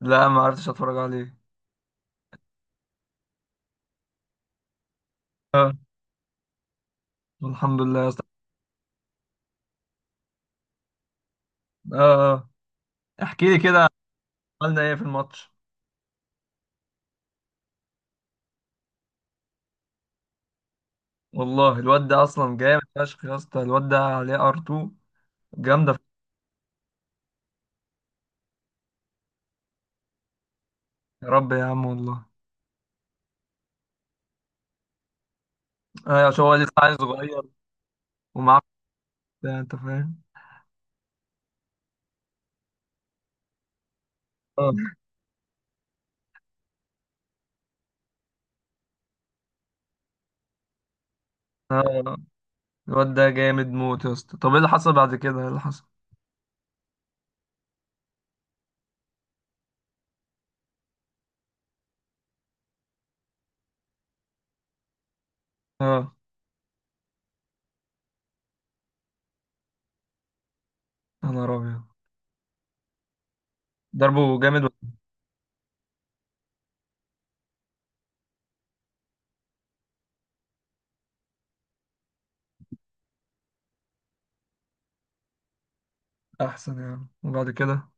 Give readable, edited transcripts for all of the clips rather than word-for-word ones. لا، ما عرفتش اتفرج عليه. اه، الحمد لله يا اسطى. اه. آه. احكي لي كده. عملنا ايه في الماتش؟ والله الواد ده اصلا جامد فشخ يا اسطى. الواد ده عليه ار 2 جامده فشخ. يا رب يا عم والله. ايوه، عشان هو لسه عيل صغير ومعاه بتاع، انت فاهم. اه، اه، الواد ده جامد موت يا اسطى. طب ايه اللي حصل بعد كده، ايه اللي حصل؟ اه، يا نهار ابيض! ضربه جامد ولا؟ احسن يعني. وبعد كده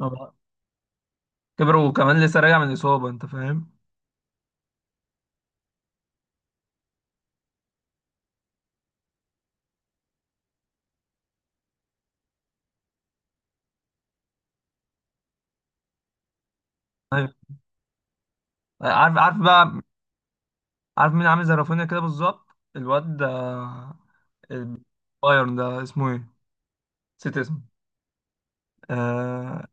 آه. كبر وكمان لسه راجع من الاصابه، انت فاهم. ايوه، عارف عارف بقى. عارف مين عامل زي رافينيا كده بالظبط؟ الواد ده البايرن ده اسمه ايه؟ نسيت اسمه. آه.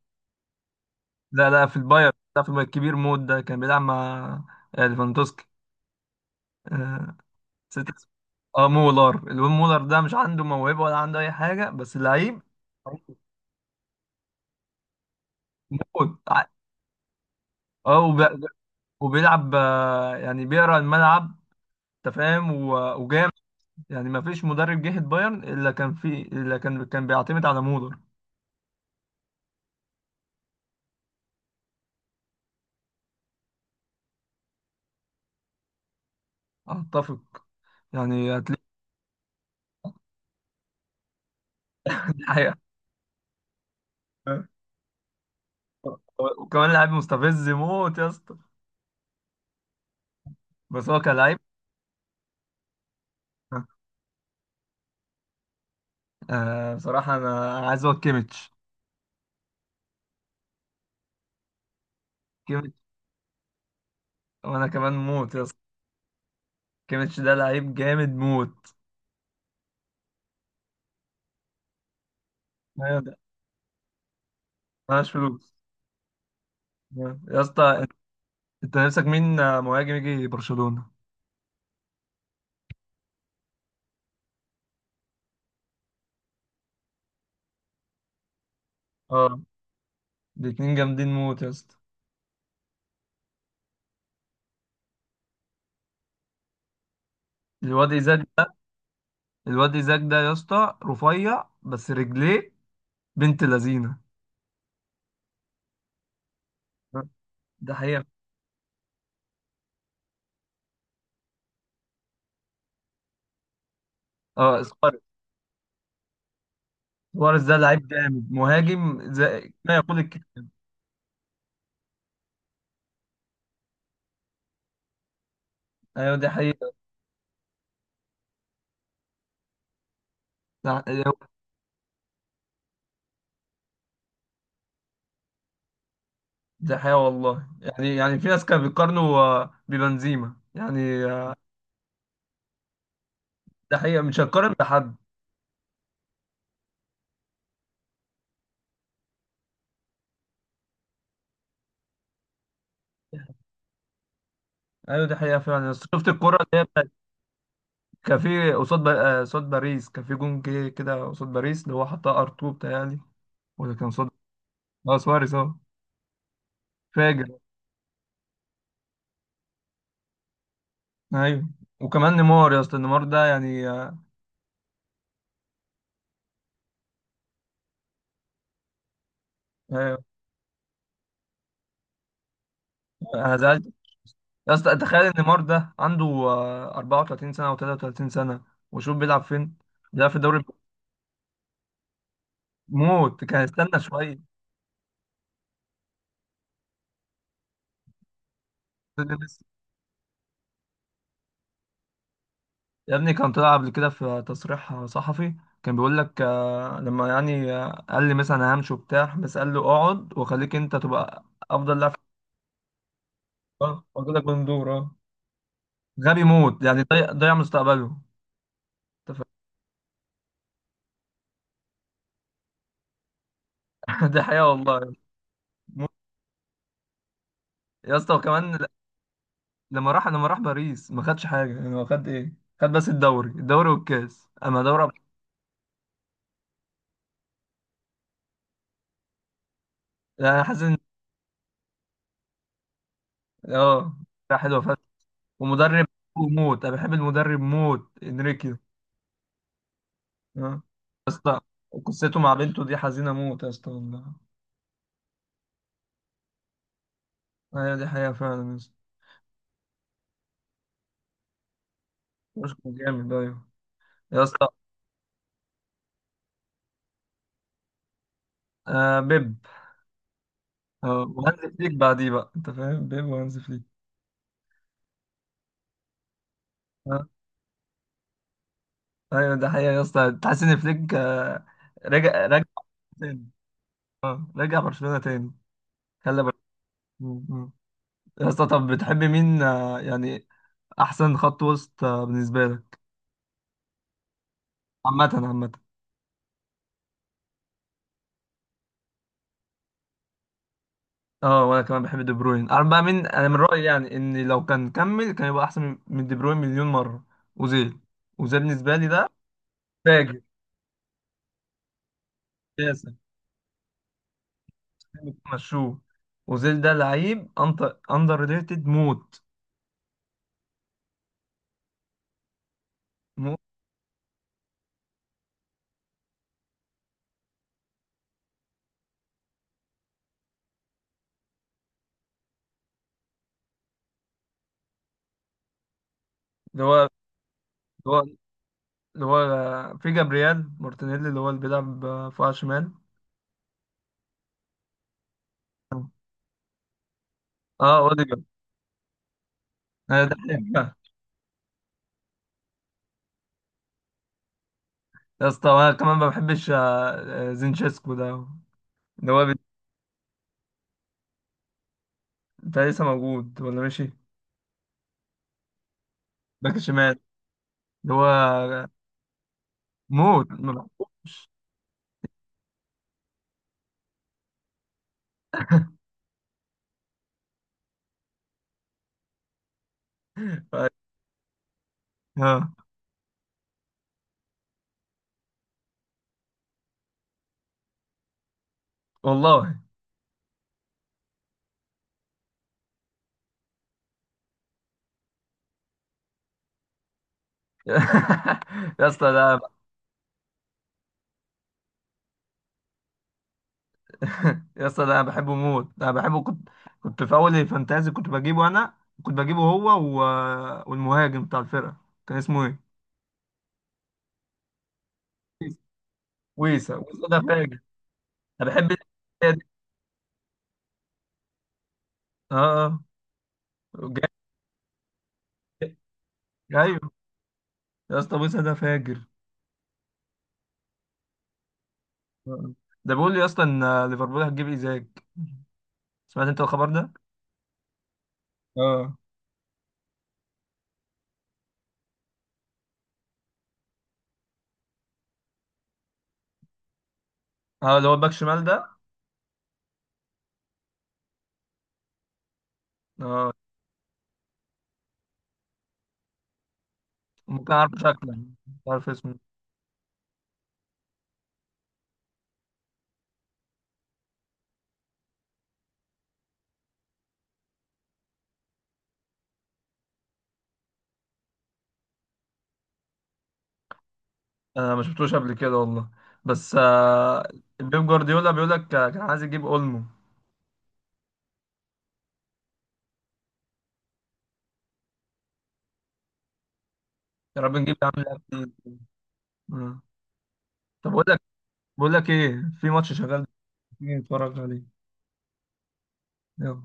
لا، لا، في البايرن، لا، في البايرن الكبير مود ده كان بيلعب مع ليفاندوسكي. آه، نسيت اسمه. اه، مولر. الواد مولر ده مش عنده موهبة ولا عنده أي حاجة بس لعيب موت. اه وب- وبيلعب، يعني بيقرا الملعب. انت فاهم، وجامد. يعني ما فيش مدرب جه البايرن الا كان بيعتمد على مولر. اتفق يعني. هتلاقي آه. وكمان لعيب مستفز موت يا اسطى بس هو كلاعب. آه، بصراحة أنا عايز أقول كيميتش، كيميتش، وأنا كمان موت يا اسطى. كيميتش ده لعيب جامد موت. أيوة، ده ملهاش فلوس يا اسطى. أنت نفسك مين مهاجم يجي برشلونة؟ أه، الاتنين جامدين موت يا اسطى. الواد إيزاك ده الواد إيزاك ده يا اسطى رفيع بس رجليه بنت لذينة. ده حقيقة. أه، سواريز. سواريز ده لعيب جامد، مهاجم زي ما يقول الكلمة. أيوة، دي حقيقة. ده ده حقيقة والله. يعني في ناس كانوا بيقارنوا ببنزيما يعني. ده حقيقة مش هتقارن بحد. ايوه، ده حقيقة فعلا. بس شفت الكرة اللي هي بتاعت؟ كان في قصاد قصاد باريس. كان في جون جه كده قصاد باريس اللي هو حطها ار2 بتهيألي. ولا كان قصاد؟ اه، سواريز. اه، فاجر. ايوه. وكمان نيمار يا اسطى، نيمار ده يعني، آه، انا زعلت. يا اسطى تخيل ان نيمار ده عنده 34 سنة او 33 سنة. وشوف بيلعب فين، بيلعب في الدوري. موت. كان استنى شوية. يا ابني كان طلع قبل كده في تصريح صحفي. كان بيقول لك لما يعني قال لي مثلا أنا همشي وبتاع، بس قال له اقعد وخليك انت تبقى افضل لاعب في الكورة واجيب لك بندور. اه. غبي موت. يعني ضيع ضيع مستقبله. أنت فاهم؟ دي حقيقة والله. موت. يا اسطى وكمان لما راح باريس ما خدش حاجة. يعني هو خد ايه؟ خد بس الدوري، الدوري والكاس، اما دوري أبطال-. يعني أنا حاسس ان اه حلوه فشخ. ومدرب موت. انا بحب المدرب موت انريكي. آه. يا اسطى، قصته مع بنته دي حزينة موت يا اسطى والله. ايوه، دي حقيقة فعلا يا اسطى. مش جامد، ايوه يا اسطى. آه، بيب. آه، وهانز فليك بعديه بقى، انت فاهم؟ بيب وهانز فليك. آه. ايوه، ده حقيقة يا اسطى. تحس ان فليك رجع رجع تاني رجع برشلونة تاني. خلى بر-. مم. مم. يا اسطى طب بتحب مين يعني احسن خط وسط بالنسبة لك؟ عامة عامة. اه، وانا كمان بحب دي بروين. انا من رايي يعني ان لو كان كمل كان يبقى احسن من دي بروين مليون مره. اوزيل. اوزيل بالنسبه لي ده فاجر اساسا، مشوه. اوزيل ده لعيب اندر ريتد موت موت. اللي هو اللي هو اللي هو في جابرييل مارتينيلي، اللي هو اللي بيلعب فوق شمال. اه، اوديجارد. انا ده حلو. يا اسطى انا كمان ما بحبش زينشيسكو ده اللي هو بت-. ده لسه موجود ولا ماشي؟ باك شمال. اللي هو موت ما بحبوش. اه والله. يا اسطى ده، انا بحبه موت. ده انا بحبه. كنت في اول الفانتازي كنت بجيبه. انا كنت بجيبه هو و... والمهاجم بتاع الفرقه كان اسمه ايه؟ ويسا. ويسا ده فاجر. انا بحب الشخصية دي. اه، اه، جامد. ايوه يا اسطى، ويسا ده فاجر. آه. ده بيقول لي يا اسطى ان ليفربول هتجيب ايزاك. سمعت انت الخبر ده؟ اه، اه، اللي هو الباك شمال ده. اه، ممكن اعرف شكله، مش عارف اسمه. انا ما شفتوش قبل كده والله، بس بيب جوارديولا بيقول لك كان عايز يجيب اولمو. يا رب نجيب يا عم لاعب تاني. آه. طب بقول لك ايه؟ في ماتش شغال، تيجي نتفرج عليه؟ يلا.